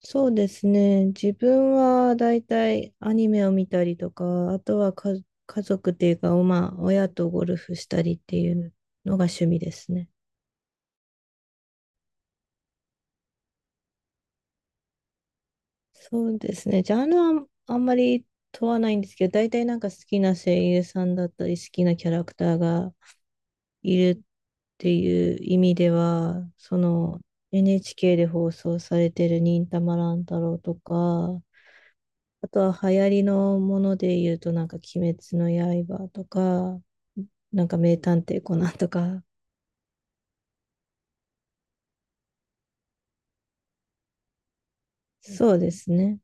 そうですね。自分はだいたいアニメを見たりとか、あとは家族っていうか、まあ、親とゴルフしたりっていうのが趣味ですね。そうですね。ジャンルはあんまり問わないんですけど、だいたいなんか好きな声優さんだったり、好きなキャラクターがいるっていう意味では、その NHK で放送されてる忍たま乱太郎とか、あとは流行りのもので言うと、なんか鬼滅の刃とか、なんか名探偵コナンとか。そうですね。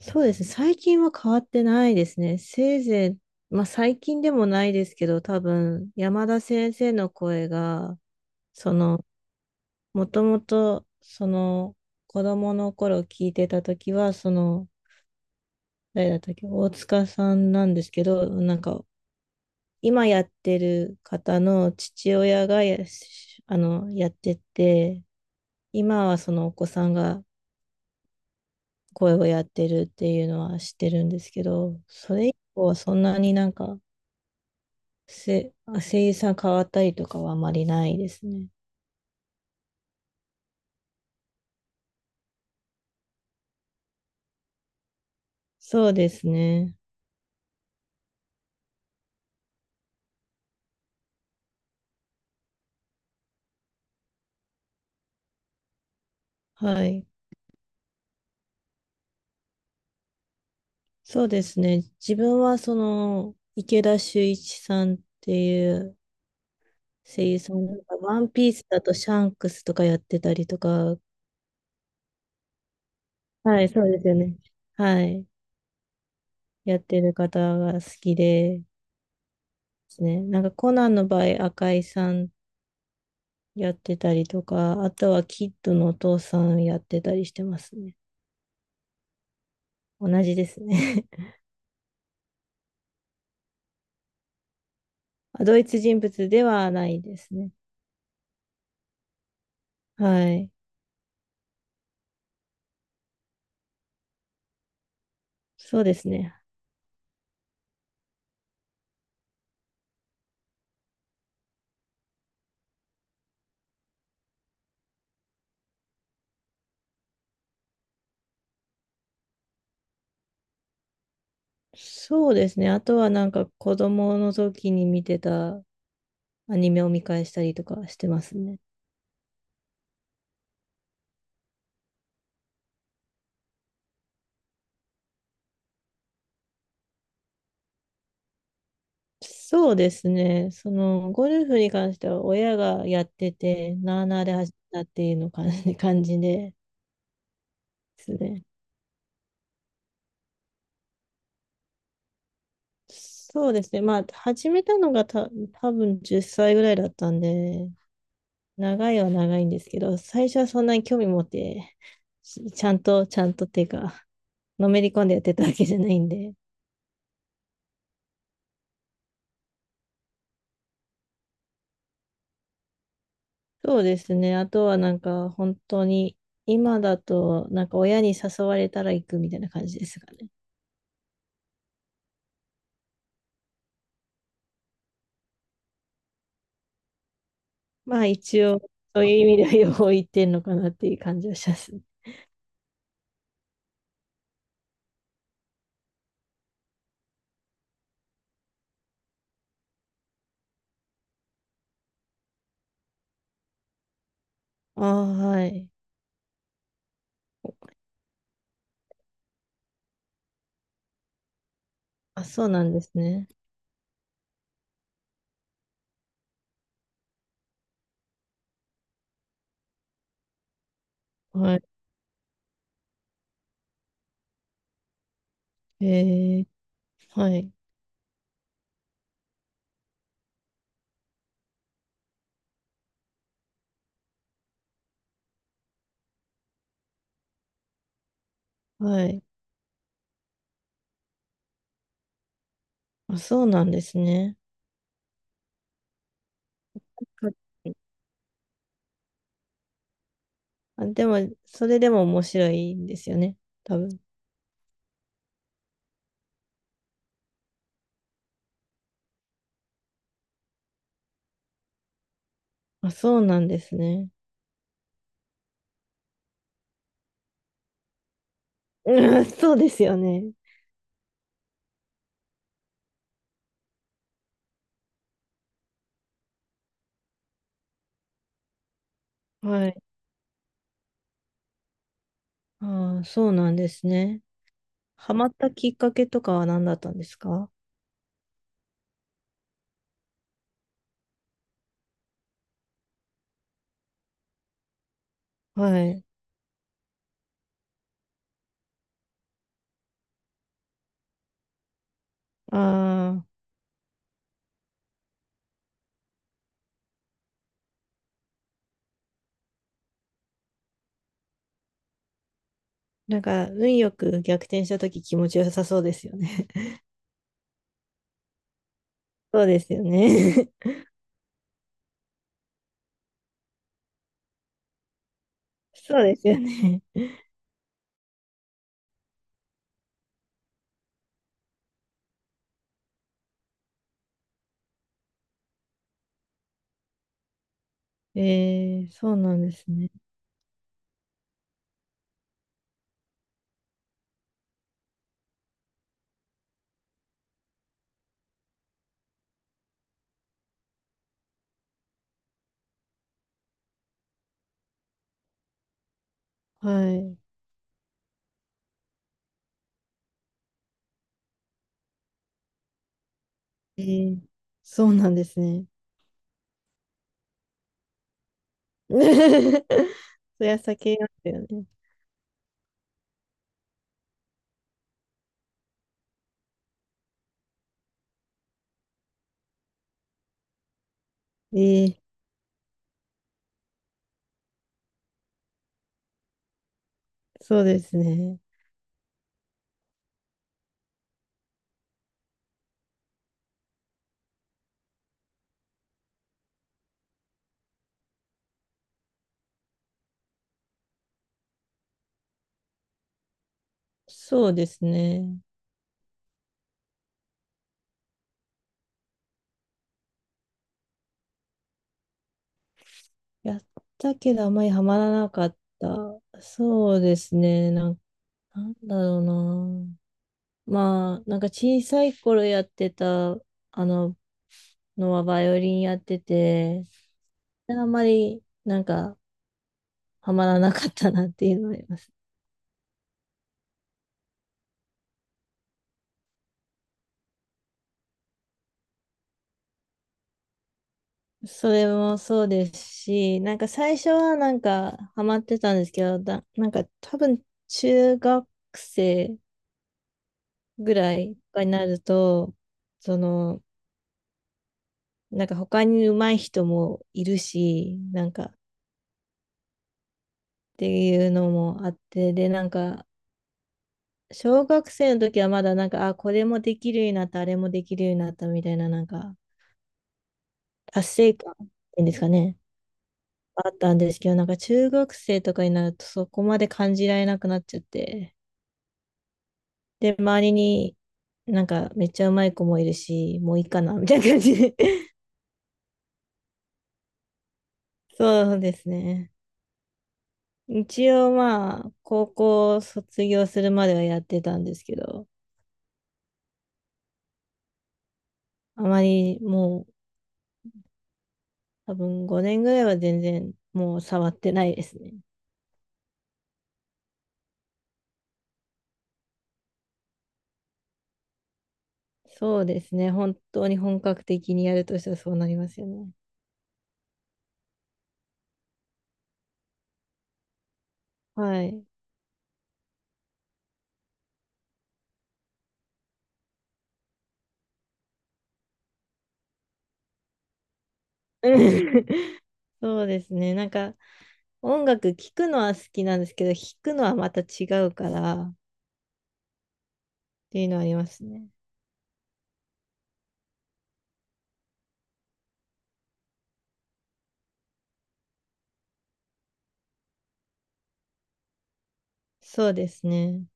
そうですね。最近は変わってないですね。せいぜい、まあ最近でもないですけど、多分山田先生の声が、その、もともと、その、子供の頃聞いてた時は、その、誰だったっけ、大塚さんなんですけど、なんか今やってる方の父親がやあの、やってて、今はそのお子さんが声をやってるっていうのは知ってるんですけど、それ以降はそんなになんか、せ、声優さん変わったりとかはあまりないですね。そうですね。はい。そうですね。自分はその池田秀一さんっていう声優さんが、ワンピースだとシャンクスとかやってたりとか、はい、そうですよね。はい。やってる方が好きでですね。なんかコナンの場合、赤井さんやってたりとか、あとはキッドのお父さんやってたりしてますね。同じですね。あ、同一人物ではないですね。はい。そうですね。そうですね。あとはなんか子供の時に見てたアニメを見返したりとかしてますね。そうですね。そのゴルフに関しては親がやってて、なあなあで始めたっていうの感じ、感じですね。そうですね。まあ、始めたのが多分10歳ぐらいだったんで、長いは長いんですけど、最初はそんなに興味持って、しちゃんと、ちゃんとっていうか、のめり込んでやってたわけじゃないんで。そうですね。あとはなんか、本当に、今だと、なんか親に誘われたら行くみたいな感じですかね。まあ、一応、そういう意味では両方行ってんのかなっていう感じはします。ああ、はい。あ、そうなんですね。はい。えー、はい。はい。あ、そうなんですね。はい。あ、でも、それでも面白いんですよね、多分。あ、そうなんですね。うん、そうですよね。はい。ああ、そうなんですね。ハマったきっかけとかは何だったんですか？はい。ああ、なんか、運よく逆転したとき気持ちよさそうですよね。そうですよね。そうですよね。えー、そうなんですね。はい。えー、そうなんですね。そりゃ酒なんだよね。ええ。そうですね。そうですね。やったけどあまりハマらなかった。そうですね。なんだろうな。まあ、なんか小さい頃やってた、あの、のはバイオリンやってて、あんまりなんかハマらなかったなっていうのはあります。それもそうですし、なんか最初はなんかハマってたんですけど、なんか多分中学生ぐらいになると、その、なんか他に上手い人もいるし、なんかっていうのもあって、で、なんか小学生の時はまだなんか、あ、これもできるようになった、あれもできるようになったみたいな、なんか達成感っていうんですかね、あったんですけど、なんか中学生とかになるとそこまで感じられなくなっちゃって。で、周りになんかめっちゃうまい子もいるし、もういいかな、みたいな感じで。そうですね。一応まあ、高校卒業するまではやってたんですけど、あまりもう多分5年ぐらいは全然もう触ってないですね。そうですね。本当に本格的にやるとしたらそうなりますよね。はい。うん。 そうですね。なんか音楽聴くのは好きなんですけど、弾くのはまた違うからっていうのはありますね。そうですね。